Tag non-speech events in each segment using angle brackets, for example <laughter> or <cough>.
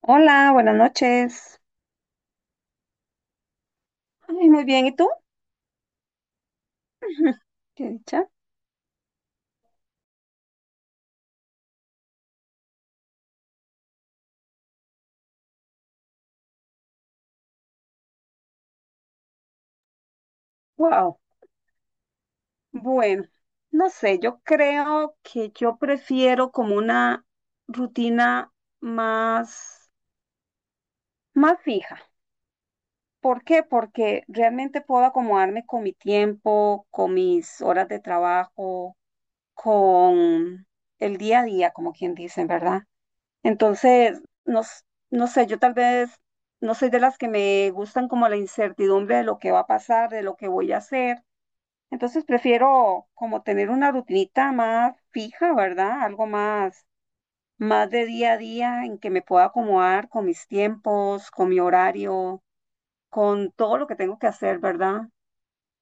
Hola, buenas noches. Ay, muy bien, ¿y tú? <laughs> ¿Qué dicha? Wow. Bueno, no sé, yo creo que yo prefiero como una rutina más, más fija. ¿Por qué? Porque realmente puedo acomodarme con mi tiempo, con mis horas de trabajo, con el día a día, como quien dice, ¿verdad? Entonces, no, no sé, yo tal vez no soy de las que me gustan como la incertidumbre de lo que va a pasar, de lo que voy a hacer. Entonces prefiero como tener una rutinita más fija, ¿verdad? Algo más, más de día a día en que me pueda acomodar con mis tiempos, con mi horario, con todo lo que tengo que hacer, ¿verdad?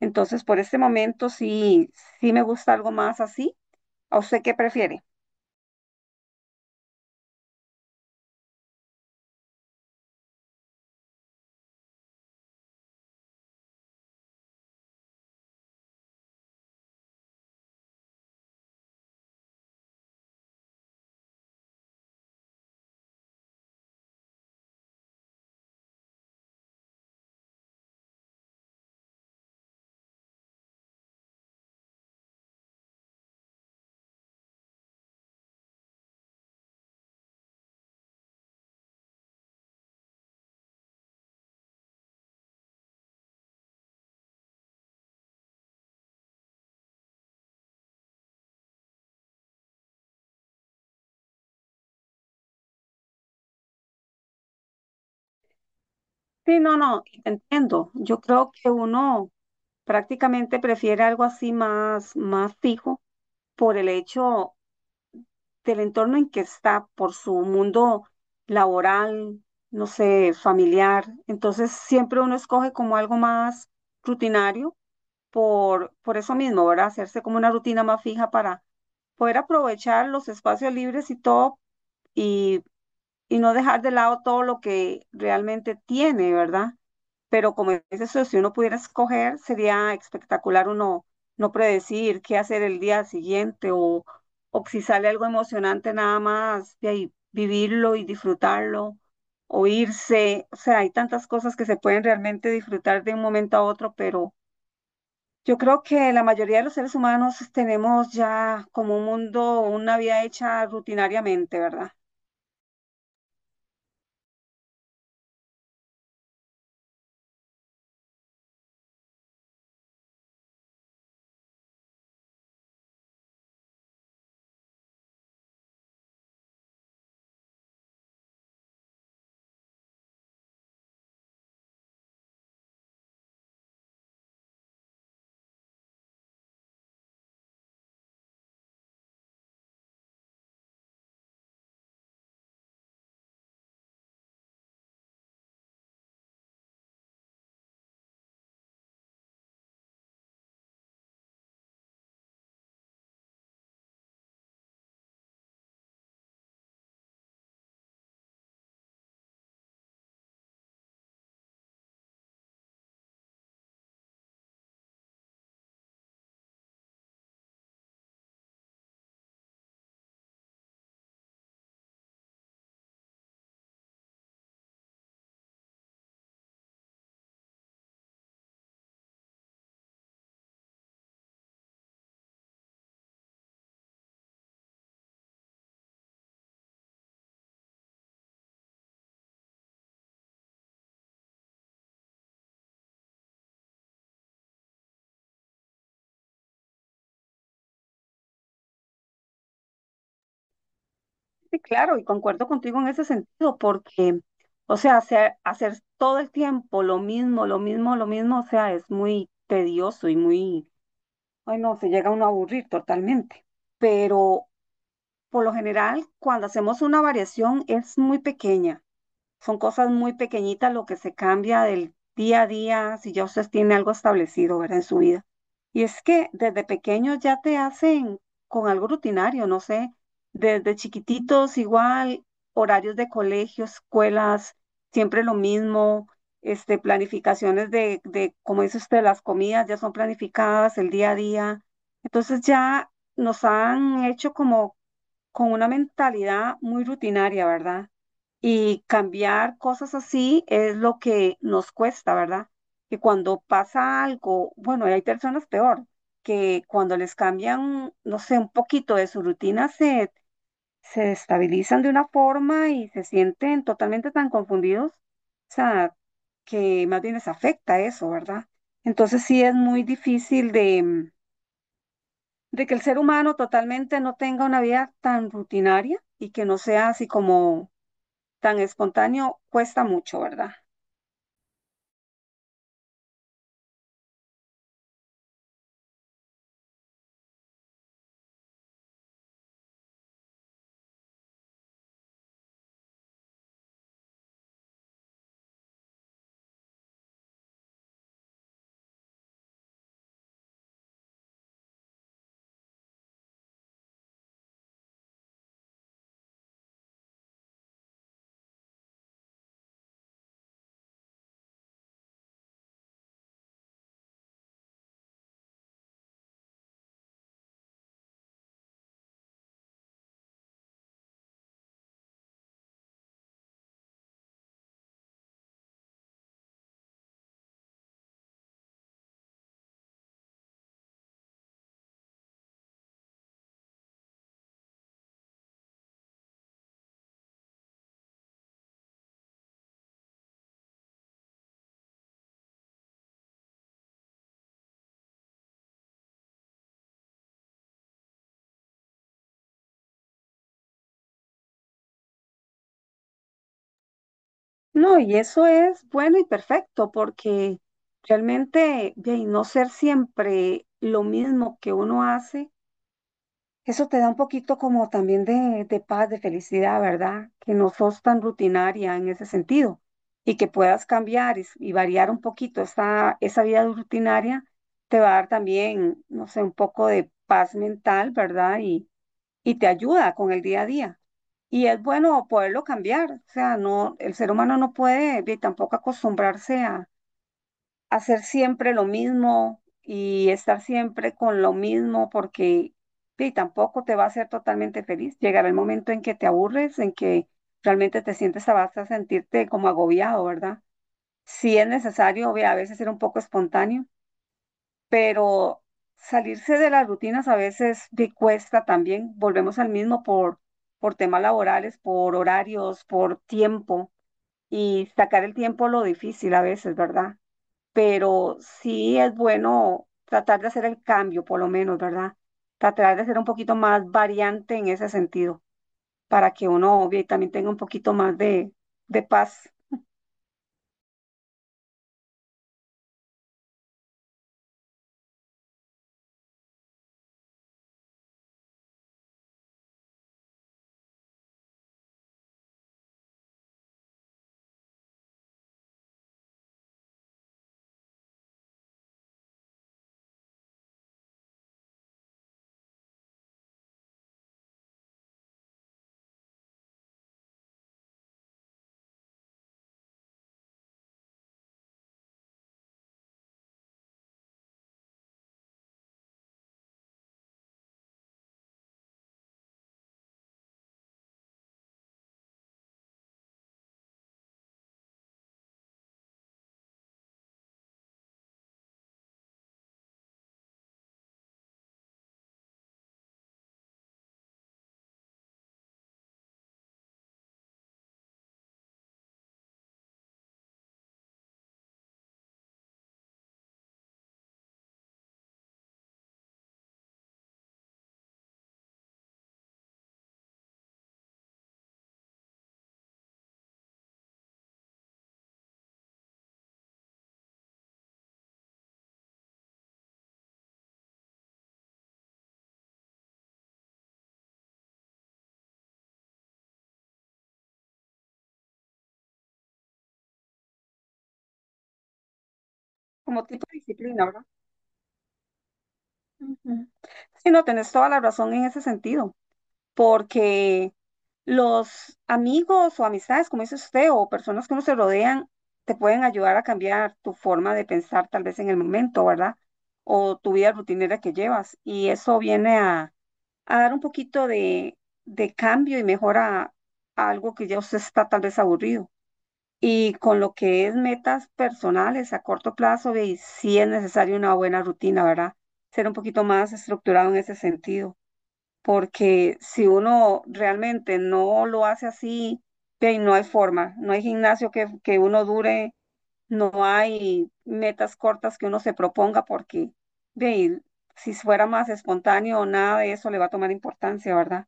Entonces, por este momento sí, sí me gusta algo más así. ¿A usted qué prefiere? Sí, no, no, y te entiendo. Yo creo que uno prácticamente prefiere algo así más, más fijo por el hecho del entorno en que está, por su mundo laboral, no sé, familiar. Entonces siempre uno escoge como algo más rutinario por eso mismo, ¿verdad? Hacerse como una rutina más fija para poder aprovechar los espacios libres y todo, y y no dejar de lado todo lo que realmente tiene, ¿verdad? Pero como dice eso, si uno pudiera escoger, sería espectacular uno no predecir qué hacer el día siguiente o si sale algo emocionante nada más de ahí vivirlo y disfrutarlo o irse. O sea, hay tantas cosas que se pueden realmente disfrutar de un momento a otro, pero yo creo que la mayoría de los seres humanos tenemos ya como un mundo, una vida hecha rutinariamente, ¿verdad? Sí, claro, y concuerdo contigo en ese sentido, porque, o sea, hacer todo el tiempo lo mismo, lo mismo, lo mismo, o sea, es muy tedioso y muy, ay no, se llega uno a aburrir totalmente. Pero por lo general, cuando hacemos una variación es muy pequeña. Son cosas muy pequeñitas lo que se cambia del día a día, si ya usted tiene algo establecido, ¿verdad? En su vida. Y es que desde pequeños ya te hacen con algo rutinario, no sé, desde chiquititos igual, horarios de colegio, escuelas, siempre lo mismo, este, planificaciones de como dice usted, las comidas ya son planificadas, el día a día. Entonces ya nos han hecho como con una mentalidad muy rutinaria, ¿verdad? Y cambiar cosas así es lo que nos cuesta, ¿verdad? Que cuando pasa algo, bueno, y hay personas peor, que cuando les cambian, no sé, un poquito de su rutina, se destabilizan de una forma y se sienten totalmente tan confundidos, o sea, que más bien les afecta eso, ¿verdad? Entonces sí es muy difícil de de que el ser humano totalmente no tenga una vida tan rutinaria y que no sea así como tan espontáneo cuesta mucho, ¿verdad? No, y eso es bueno y perfecto porque realmente de ahí, no ser siempre lo mismo que uno hace, eso te da un poquito como también de paz, de felicidad, ¿verdad? Que no sos tan rutinaria en ese sentido y que puedas cambiar y variar un poquito esa, esa vida rutinaria, te va a dar también, no sé, un poco de paz mental, ¿verdad? Y te ayuda con el día a día. Y es bueno poderlo cambiar, o sea, no, el ser humano no puede vi, tampoco acostumbrarse a hacer siempre lo mismo y estar siempre con lo mismo porque vi, tampoco te va a hacer totalmente feliz. Llegará el momento en que te aburres, en que realmente te sientes, te vas a sentirte como agobiado, ¿verdad? Si es necesario, vi, a veces ser un poco espontáneo pero salirse de las rutinas a veces te cuesta también. Volvemos al mismo por temas laborales, por horarios, por tiempo y sacar el tiempo lo difícil a veces, ¿verdad? Pero sí es bueno tratar de hacer el cambio, por lo menos, ¿verdad? Tratar de ser un poquito más variante en ese sentido, para que uno obvio, y también tenga un poquito más de paz como tipo de disciplina, ¿verdad? Ujú. Sí, no, tenés toda la razón en ese sentido. Porque los amigos o amistades, como dice usted, o personas que uno se rodean, te pueden ayudar a cambiar tu forma de pensar tal vez en el momento, ¿verdad? O tu vida rutinera que llevas. Y eso viene a dar un poquito de cambio y mejora a algo que ya usted está tal vez aburrido. Y con lo que es metas personales a corto plazo, ve, sí es necesaria una buena rutina, ¿verdad? Ser un poquito más estructurado en ese sentido porque si uno realmente no lo hace así, ve, no hay forma, no hay gimnasio que uno dure, no hay metas cortas que uno se proponga porque, ve, si fuera más espontáneo, nada de eso le va a tomar importancia, ¿verdad?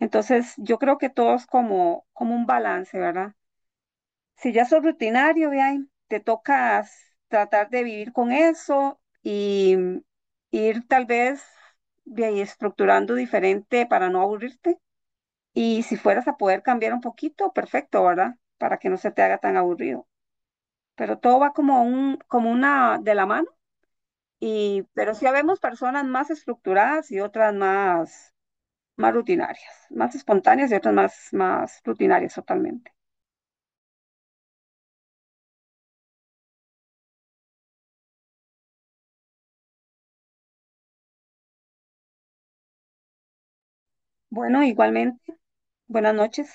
Entonces, yo creo que todo es como, como un balance, ¿verdad? Si ya sos rutinario, ve, ahí, te tocas tratar de vivir con eso y ir tal vez ve ahí estructurando diferente para no aburrirte. Y si fueras a poder cambiar un poquito, perfecto, ¿verdad? Para que no se te haga tan aburrido. Pero todo va como un, como una de la mano. Y, pero sí habemos personas más estructuradas y otras más, más rutinarias, más espontáneas y otras más, más rutinarias totalmente. Bueno, igualmente, buenas noches.